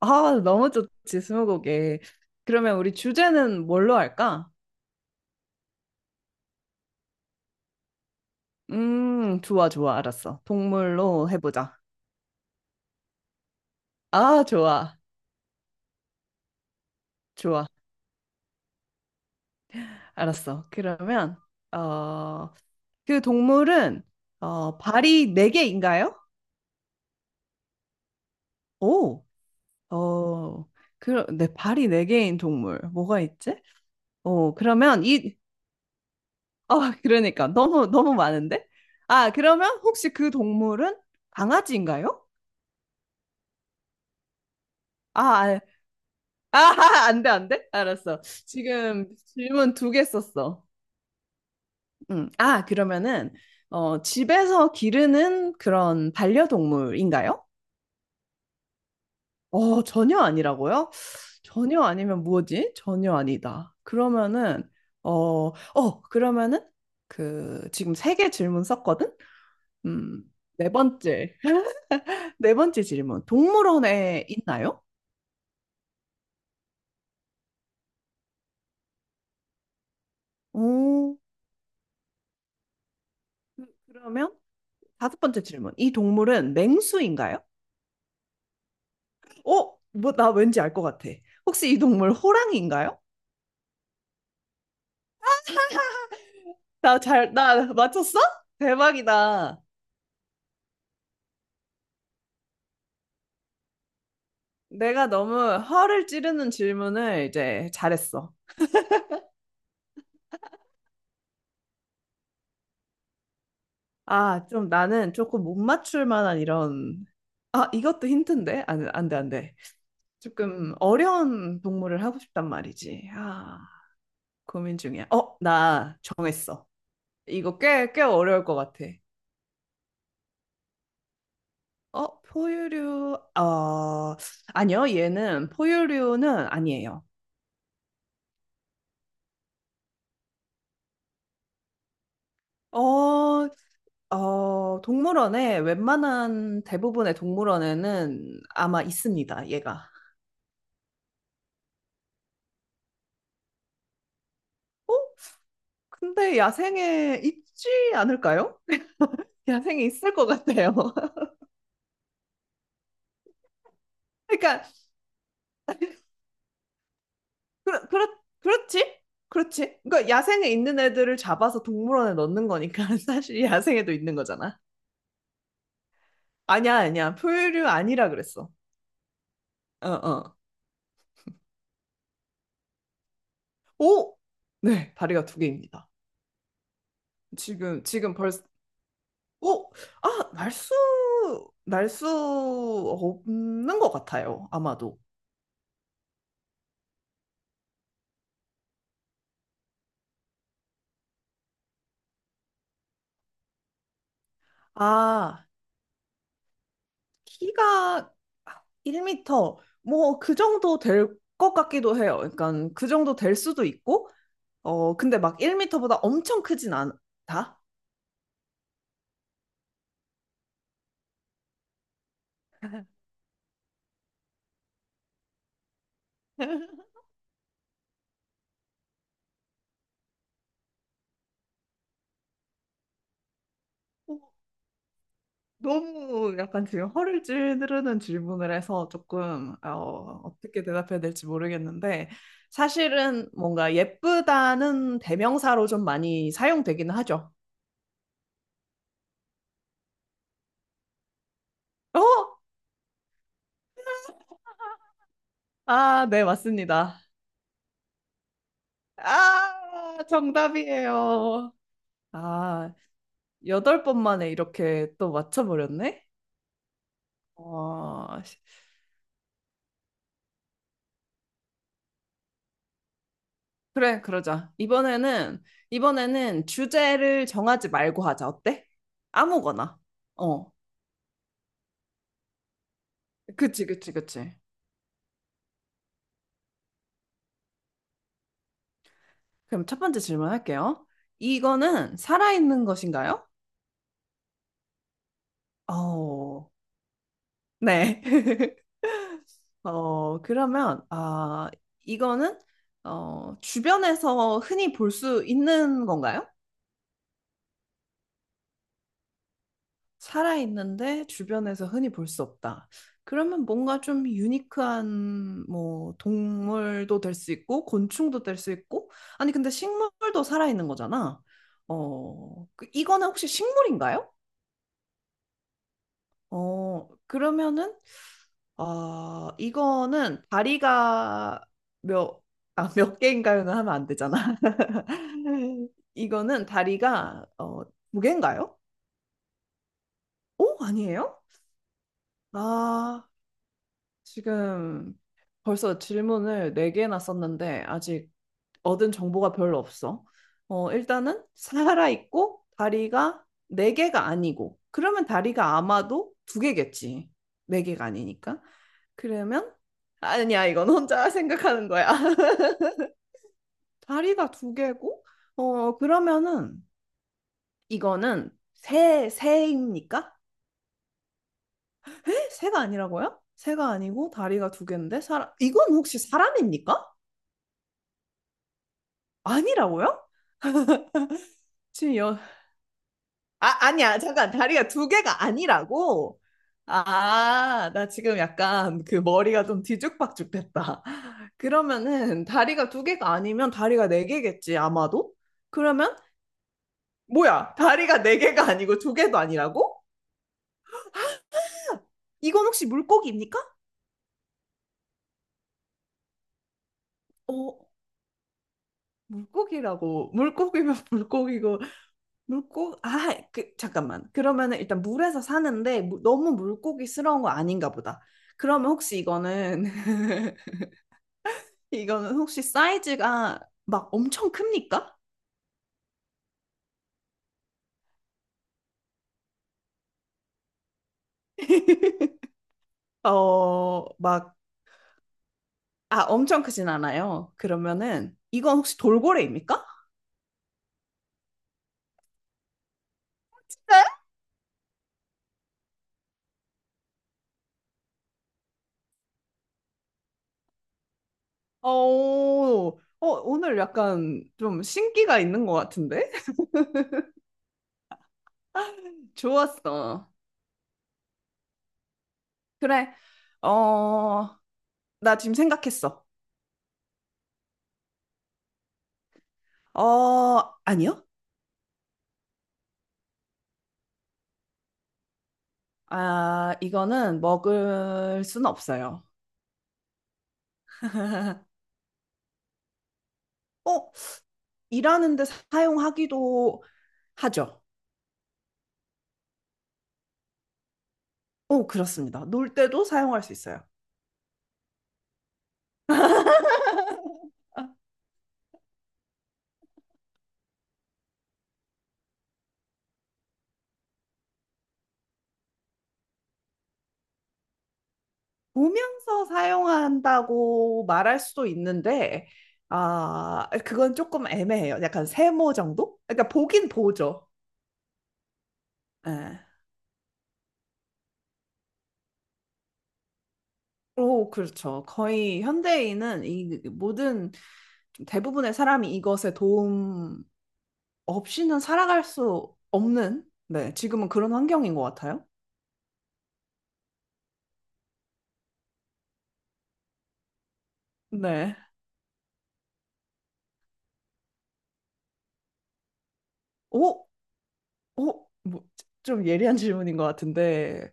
아, 너무 좋지, 스무고개. 그러면 우리 주제는 뭘로 할까? 좋아, 좋아, 알았어. 동물로 해보자. 아, 좋아, 좋아, 알았어. 그러면, 어, 그 동물은, 어, 발이 네개인가요? 오, 어, 그, 네, 발이 네개인 동물. 뭐가 있지? 어, 그러면 이, 어, 그러니까. 너무, 너무 많은데? 아, 그러면 혹시 그 동물은 강아지인가요? 아, 아, 아, 안 돼, 안 돼? 알았어. 지금 질문 두 개 썼어. 음. 아, 그러면은, 어, 집에서 기르는 그런 반려동물인가요? 어, 전혀 아니라고요? 전혀 아니면 뭐지? 전혀 아니다. 그러면은, 어, 어, 그러면은, 그, 지금 세 개 질문 썼거든? 음, 네 번째. 네 번째 질문. 동물원에 있나요? 오, 그러면 다섯 번째 질문. 이 동물은 맹수인가요? 어? 뭐, 나 왠지 알 것 같아. 혹시 이 동물 호랑이인가요? 나 잘, 나 맞췄어? 대박이다. 내가 너무 허를 찌르는 질문을 이제 잘했어. 아, 좀 나는 조금 못 맞출 만한 이런, 아, 이것도 힌트인데? 안 돼, 안 돼. 조금 어려운 동물을 하고 싶단 말이지. 아, 고민 중이야. 어, 나 정했어. 이거 꽤, 꽤 어려울 것 같아. 어, 포유류, 어, 아니요, 얘는 포유류는 아니에요. 어, 어, 동물원에 웬만한 대부분의 동물원에는 아마 있습니다, 얘가. 어? 근데 야생에 있지 않을까요? 야생에 있을 것 같아요. 그러니까, 그렇, 그렇, 그렇지? 그렇지? 그러니까 야생에 있는 애들을 잡아서 동물원에 넣는 거니까 사실 야생에도 있는 거잖아. 아니야, 아니야. 포유류 아니라 그랬어. 어, 어. 오! 네, 다리가 두 개입니다. 지금 벌써 어? 아, 날 수 없는 것 같아요, 아마도. 아, 키가 1미터, 뭐, 그 정도 될 것 같기도 해요. 그러니까, 그 정도 될 수도 있고, 어, 근데 막 1미터보다 엄청 크진 않다? 어, 너무 약간 지금 허를 찌르는 질문을 해서 조금, 어, 어떻게 대답해야 될지 모르겠는데, 사실은 뭔가 예쁘다는 대명사로 좀 많이 사용되기는 하죠. 어? 아, 네, 맞습니다. 아, 정답이에요. 아, 여덟 번 만에 이렇게 또 맞춰버렸네? 어, 그래, 그러자. 이번에는, 이번에는 주제를 정하지 말고 하자. 어때? 아무거나. 어, 그치, 그치, 그치. 그럼 첫 번째 질문 할게요. 이거는 살아있는 것인가요? 어, 네. 어, 그러면, 아, 이거는, 어, 주변에서 흔히 볼 수 있는 건가요? 살아있는데 주변에서 흔히 볼 수 없다. 그러면 뭔가 좀 유니크한, 뭐, 동물도 될 수 있고, 곤충도 될 수 있고, 아니, 근데 식물도 살아있는 거잖아. 어, 이거는 혹시 식물인가요? 어, 그러면은, 아, 이거는 다리가 몇, 아, 몇 개인가요는 하면 안 되잖아. 이거는 다리가 어, 두 개인가요? 오, 아니에요? 아, 지금 벌써 질문을 네 개나 썼는데 아직 얻은 정보가 별로 없어. 어, 일단은 살아있고 다리가 네 개가 아니고 그러면 다리가 아마도 두 개겠지. 네 개가 아니니까. 그러면 아니야, 이건 혼자 생각하는 거야. 다리가 두 개고? 어, 그러면은 이거는 새, 새입니까? 에? 새가 아니라고요? 새가 아니고 다리가 두 개인데 사람 이건 혹시 사람입니까? 아니라고요? 지금 여... 아, 아니야. 잠깐. 다리가 두 개가 아니라고? 아, 나 지금 약간 그 머리가 좀 뒤죽박죽됐다. 그러면은 다리가 두 개가 아니면 다리가 네 개겠지, 아마도? 그러면 뭐야? 다리가 네 개가 아니고 두 개도 아니라고? 이건 혹시 물고기입니까? 어, 물고기라고. 물고기면 물고기고, 물고, 아, 그, 잠깐만. 그러면은 일단 물에서 사는데 너무 물고기스러운 거 아닌가 보다. 그러면 혹시 이거는, 이거는 혹시 사이즈가 막 엄청 큽니까? 어, 막, 아, 엄청 크진 않아요. 그러면은 이건 혹시 돌고래입니까? 네? 어, 어, 오늘 약간 좀 신기가 있는 것 같은데? 좋았어. 그래. 어, 나 지금 생각했어. 어, 아니요? 아, 이거는 먹을 순 없어요. 어, 일하는데 사용하기도 하죠. 어, 그렇습니다. 놀 때도 사용할 수 있어요. 보면서 사용한다고 말할 수도 있는데, 아, 그건 조금 애매해요. 약간 세모 정도? 그러니까 보긴 보죠. 예. 오, 그렇죠. 거의 현대인은 이 모든 좀 대부분의 사람이 이것에 도움 없이는 살아갈 수 없는, 네, 지금은 그런 환경인 것 같아요. 네. 오, 오, 뭐, 좀 예리한 질문인 것 같은데,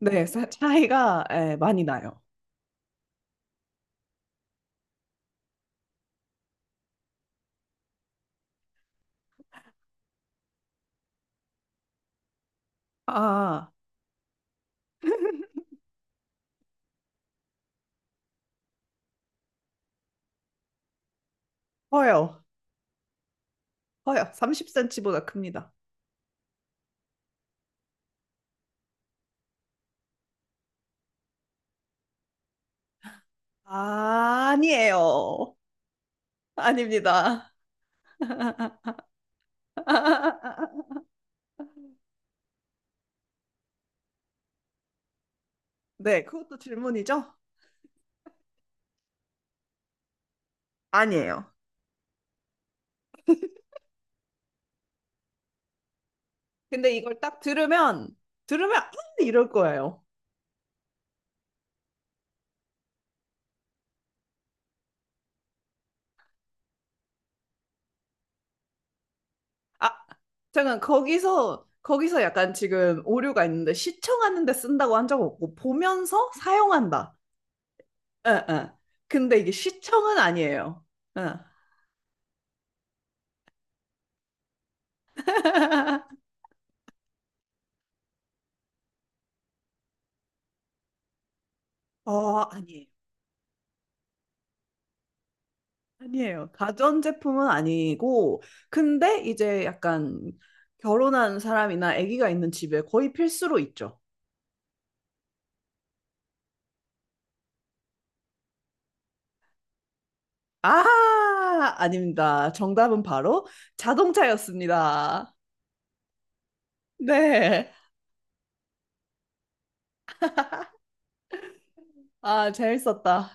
네, 차이가 예, 많이 나요. 아, 커요. 커요. 30cm보다 큽니다. 아, 아니에요. 아닙니다. 네, 그것도 질문이죠? 아니에요. 근데 이걸 딱 들으면, 들으면, 아, 이럴 거예요. 아, 잠깐 거기서 약간 지금 오류가 있는데 시청하는 데 쓴다고 한 적 없고 보면서 사용한다. 응, 응. 근데 이게 시청은 아니에요. 응. 어, 아니에요. 아니에요. 가전제품은 아니고 근데 이제 약간 결혼한 사람이나 아기가 있는 집에 거의 필수로 있죠. 아, 아닙니다. 정답은 바로 자동차였습니다. 네. 아, 재밌었다.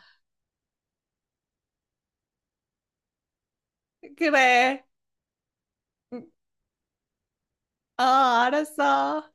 그래. 어, 알았어.